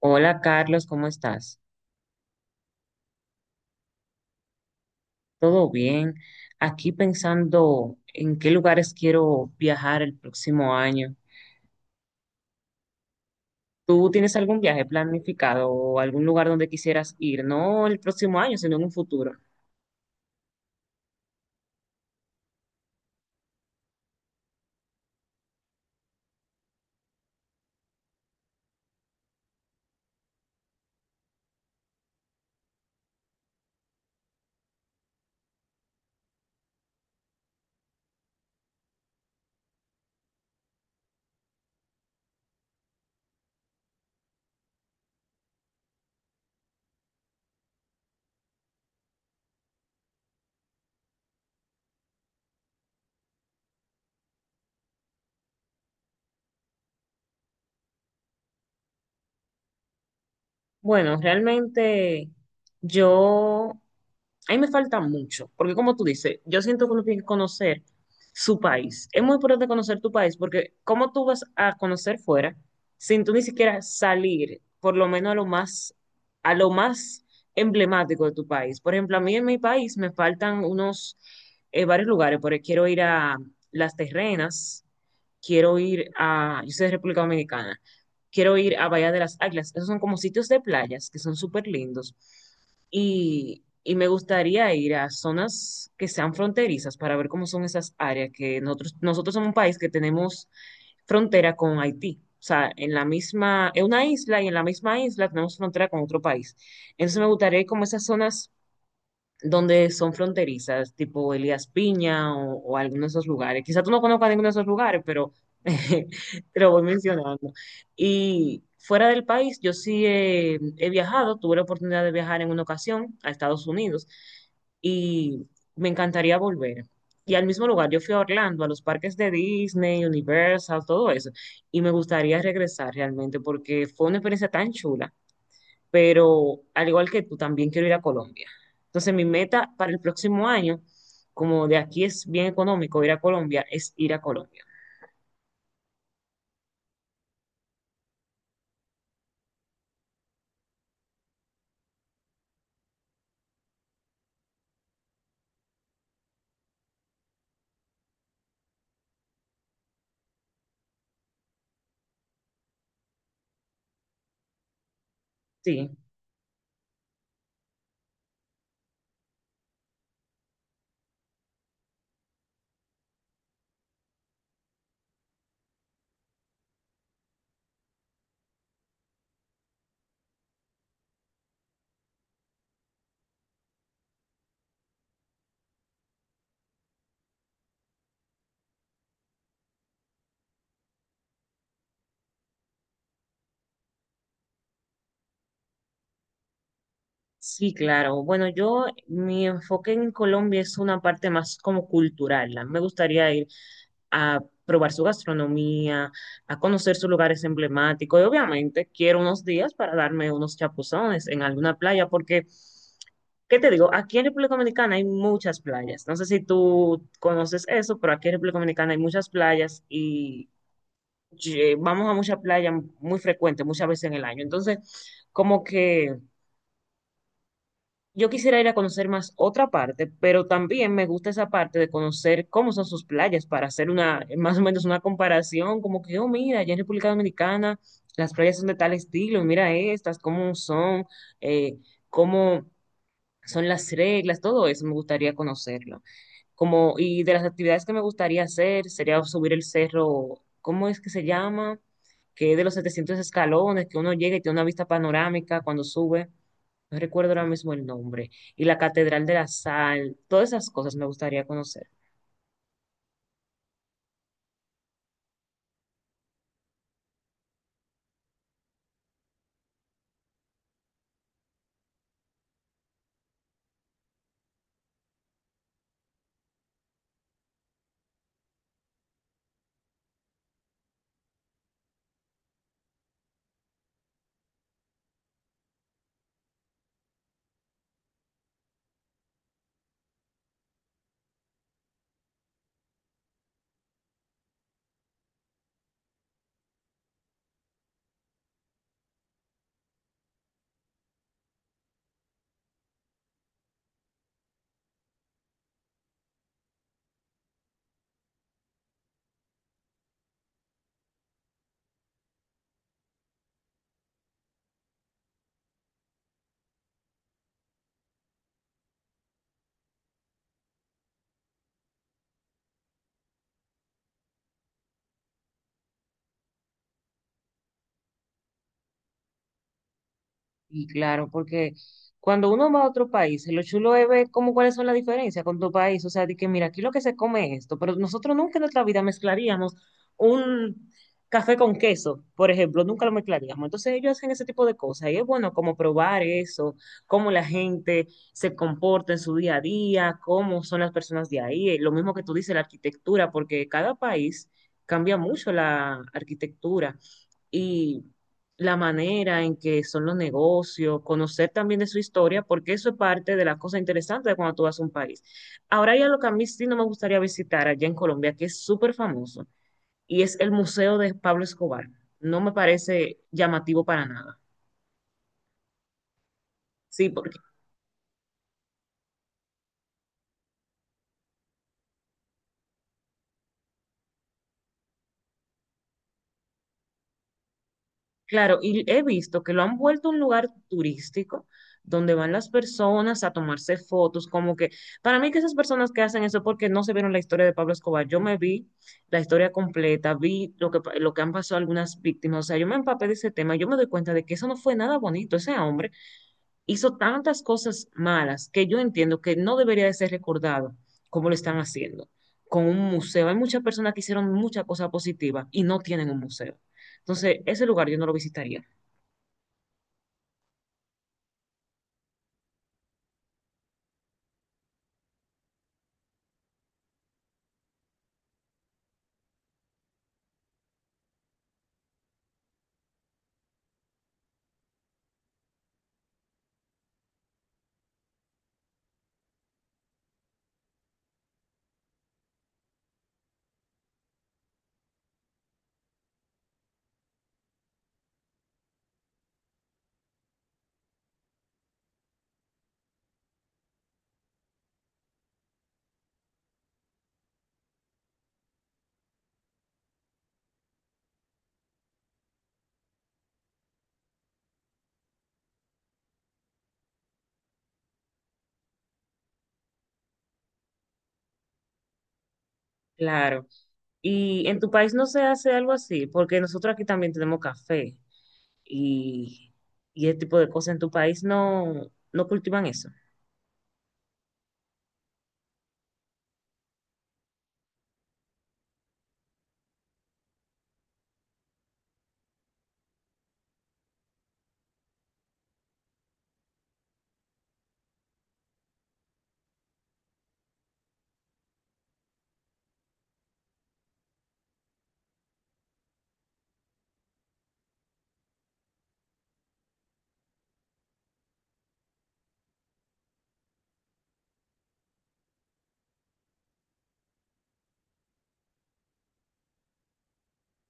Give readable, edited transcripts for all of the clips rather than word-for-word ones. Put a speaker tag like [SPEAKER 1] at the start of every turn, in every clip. [SPEAKER 1] Hola Carlos, ¿cómo estás? ¿Todo bien? Aquí pensando en qué lugares quiero viajar el próximo año. ¿Tú tienes algún viaje planificado o algún lugar donde quisieras ir? No el próximo año, sino en un futuro. Bueno, realmente yo, ahí me falta mucho, porque como tú dices, yo siento que uno tiene que conocer su país. Es muy importante conocer tu país, porque ¿cómo tú vas a conocer fuera sin tú ni siquiera salir, por lo menos a lo más emblemático de tu país? Por ejemplo, a mí en mi país me faltan unos, varios lugares, porque quiero ir a Las Terrenas, quiero ir a, yo soy de República Dominicana, quiero ir a Bahía de las Águilas. Esos son como sitios de playas que son súper lindos. Y me gustaría ir a zonas que sean fronterizas para ver cómo son esas áreas, que nosotros somos un país que tenemos frontera con Haití. O sea, en la misma, es una isla y en la misma isla tenemos frontera con otro país. Entonces me gustaría ir como a esas zonas donde son fronterizas, tipo Elías Piña o alguno de esos lugares. Quizá tú no conozcas ninguno de esos lugares, pero te lo voy mencionando. Y fuera del país, yo sí he viajado, tuve la oportunidad de viajar en una ocasión a Estados Unidos y me encantaría volver. Y al mismo lugar, yo fui a Orlando, a los parques de Disney, Universal, todo eso, y me gustaría regresar realmente porque fue una experiencia tan chula, pero al igual que tú, también quiero ir a Colombia. Entonces, mi meta para el próximo año, como de aquí es bien económico ir a Colombia, es ir a Colombia. Sí, sí, claro. Bueno, yo, mi enfoque en Colombia es una parte más como cultural. A mí me gustaría ir a probar su gastronomía, a conocer sus lugares emblemáticos y obviamente quiero unos días para darme unos chapuzones en alguna playa porque, ¿qué te digo? Aquí en República Dominicana hay muchas playas. No sé si tú conoces eso, pero aquí en República Dominicana hay muchas playas y ye- vamos a muchas playas muy frecuentes, muchas veces en el año. Entonces, como que... yo quisiera ir a conocer más otra parte, pero también me gusta esa parte de conocer cómo son sus playas para hacer una, más o menos una comparación, como que, oh, mira, allá en República Dominicana las playas son de tal estilo, y mira estas, eh, cómo son las reglas, todo eso me gustaría conocerlo. Como, y de las actividades que me gustaría hacer sería subir el cerro, ¿cómo es que se llama? Que es de los 700 escalones, que uno llega y tiene una vista panorámica cuando sube. No recuerdo ahora mismo el nombre. Y la Catedral de la Sal, todas esas cosas me gustaría conocer. Y claro, porque cuando uno va a otro país, lo chulo es ver cómo cuáles son las diferencias con tu país. O sea, de que mira, aquí lo que se come es esto, pero nosotros nunca en nuestra vida mezclaríamos un café con queso, por ejemplo, nunca lo mezclaríamos. Entonces ellos hacen ese tipo de cosas y es bueno como probar eso, cómo la gente se comporta en su día a día, cómo son las personas de ahí. Lo mismo que tú dices, la arquitectura, porque cada país cambia mucho la arquitectura. Y la manera en que son los negocios, conocer también de su historia, porque eso es parte de las cosas interesantes de cuando tú vas a un país. Ahora ya lo que a mí sí no me gustaría visitar allá en Colombia, que es súper famoso, y es el Museo de Pablo Escobar. No me parece llamativo para nada. Sí, porque claro, y he visto que lo han vuelto un lugar turístico donde van las personas a tomarse fotos, como que para mí que esas personas que hacen eso porque no se vieron la historia de Pablo Escobar, yo me vi la historia completa, vi lo que, pa- lo que han pasado algunas víctimas, o sea, yo me empapé de ese tema, yo me doy cuenta de que eso no fue nada bonito, ese hombre hizo tantas cosas malas que yo entiendo que no debería de ser recordado como lo están haciendo con un museo. Hay muchas personas que hicieron muchas cosas positivas y no tienen un museo. Entonces, ese lugar yo no lo visitaría. Claro. ¿Y en tu país no se hace algo así? Porque nosotros aquí también tenemos café y, y ese tipo de cosas. ¿En tu país no, no cultivan eso?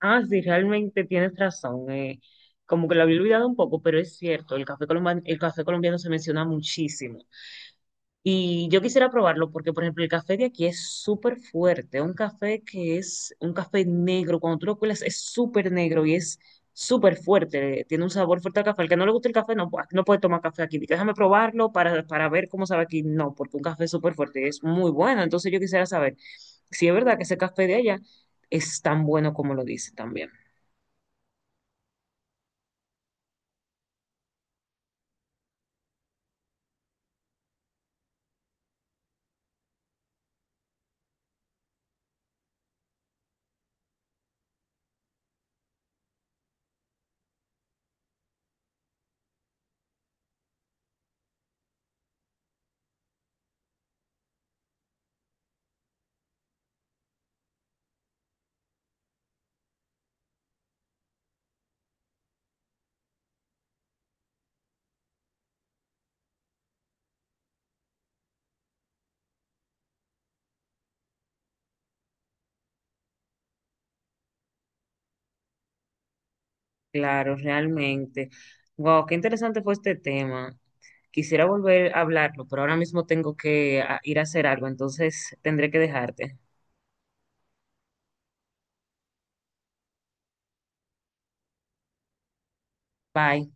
[SPEAKER 1] Ah, sí, realmente tienes razón. Como que lo había olvidado un poco, pero es cierto, el café colombiano se menciona muchísimo. Y yo quisiera probarlo porque, por ejemplo, el café de aquí es súper fuerte. Un café que es un café negro. Cuando tú lo cuelas es súper negro y es súper fuerte. Tiene un sabor fuerte al café. Al que no le gusta el café no, pu- no puede tomar café aquí. Dice, déjame probarlo para ver cómo sabe aquí. No, porque un café es súper fuerte y es muy bueno. Entonces yo quisiera saber si es verdad que ese café de allá es tan bueno como lo dice también. Claro, realmente. Wow, qué interesante fue este tema. Quisiera volver a hablarlo, pero ahora mismo tengo que ir a hacer algo, entonces tendré que dejarte. Bye.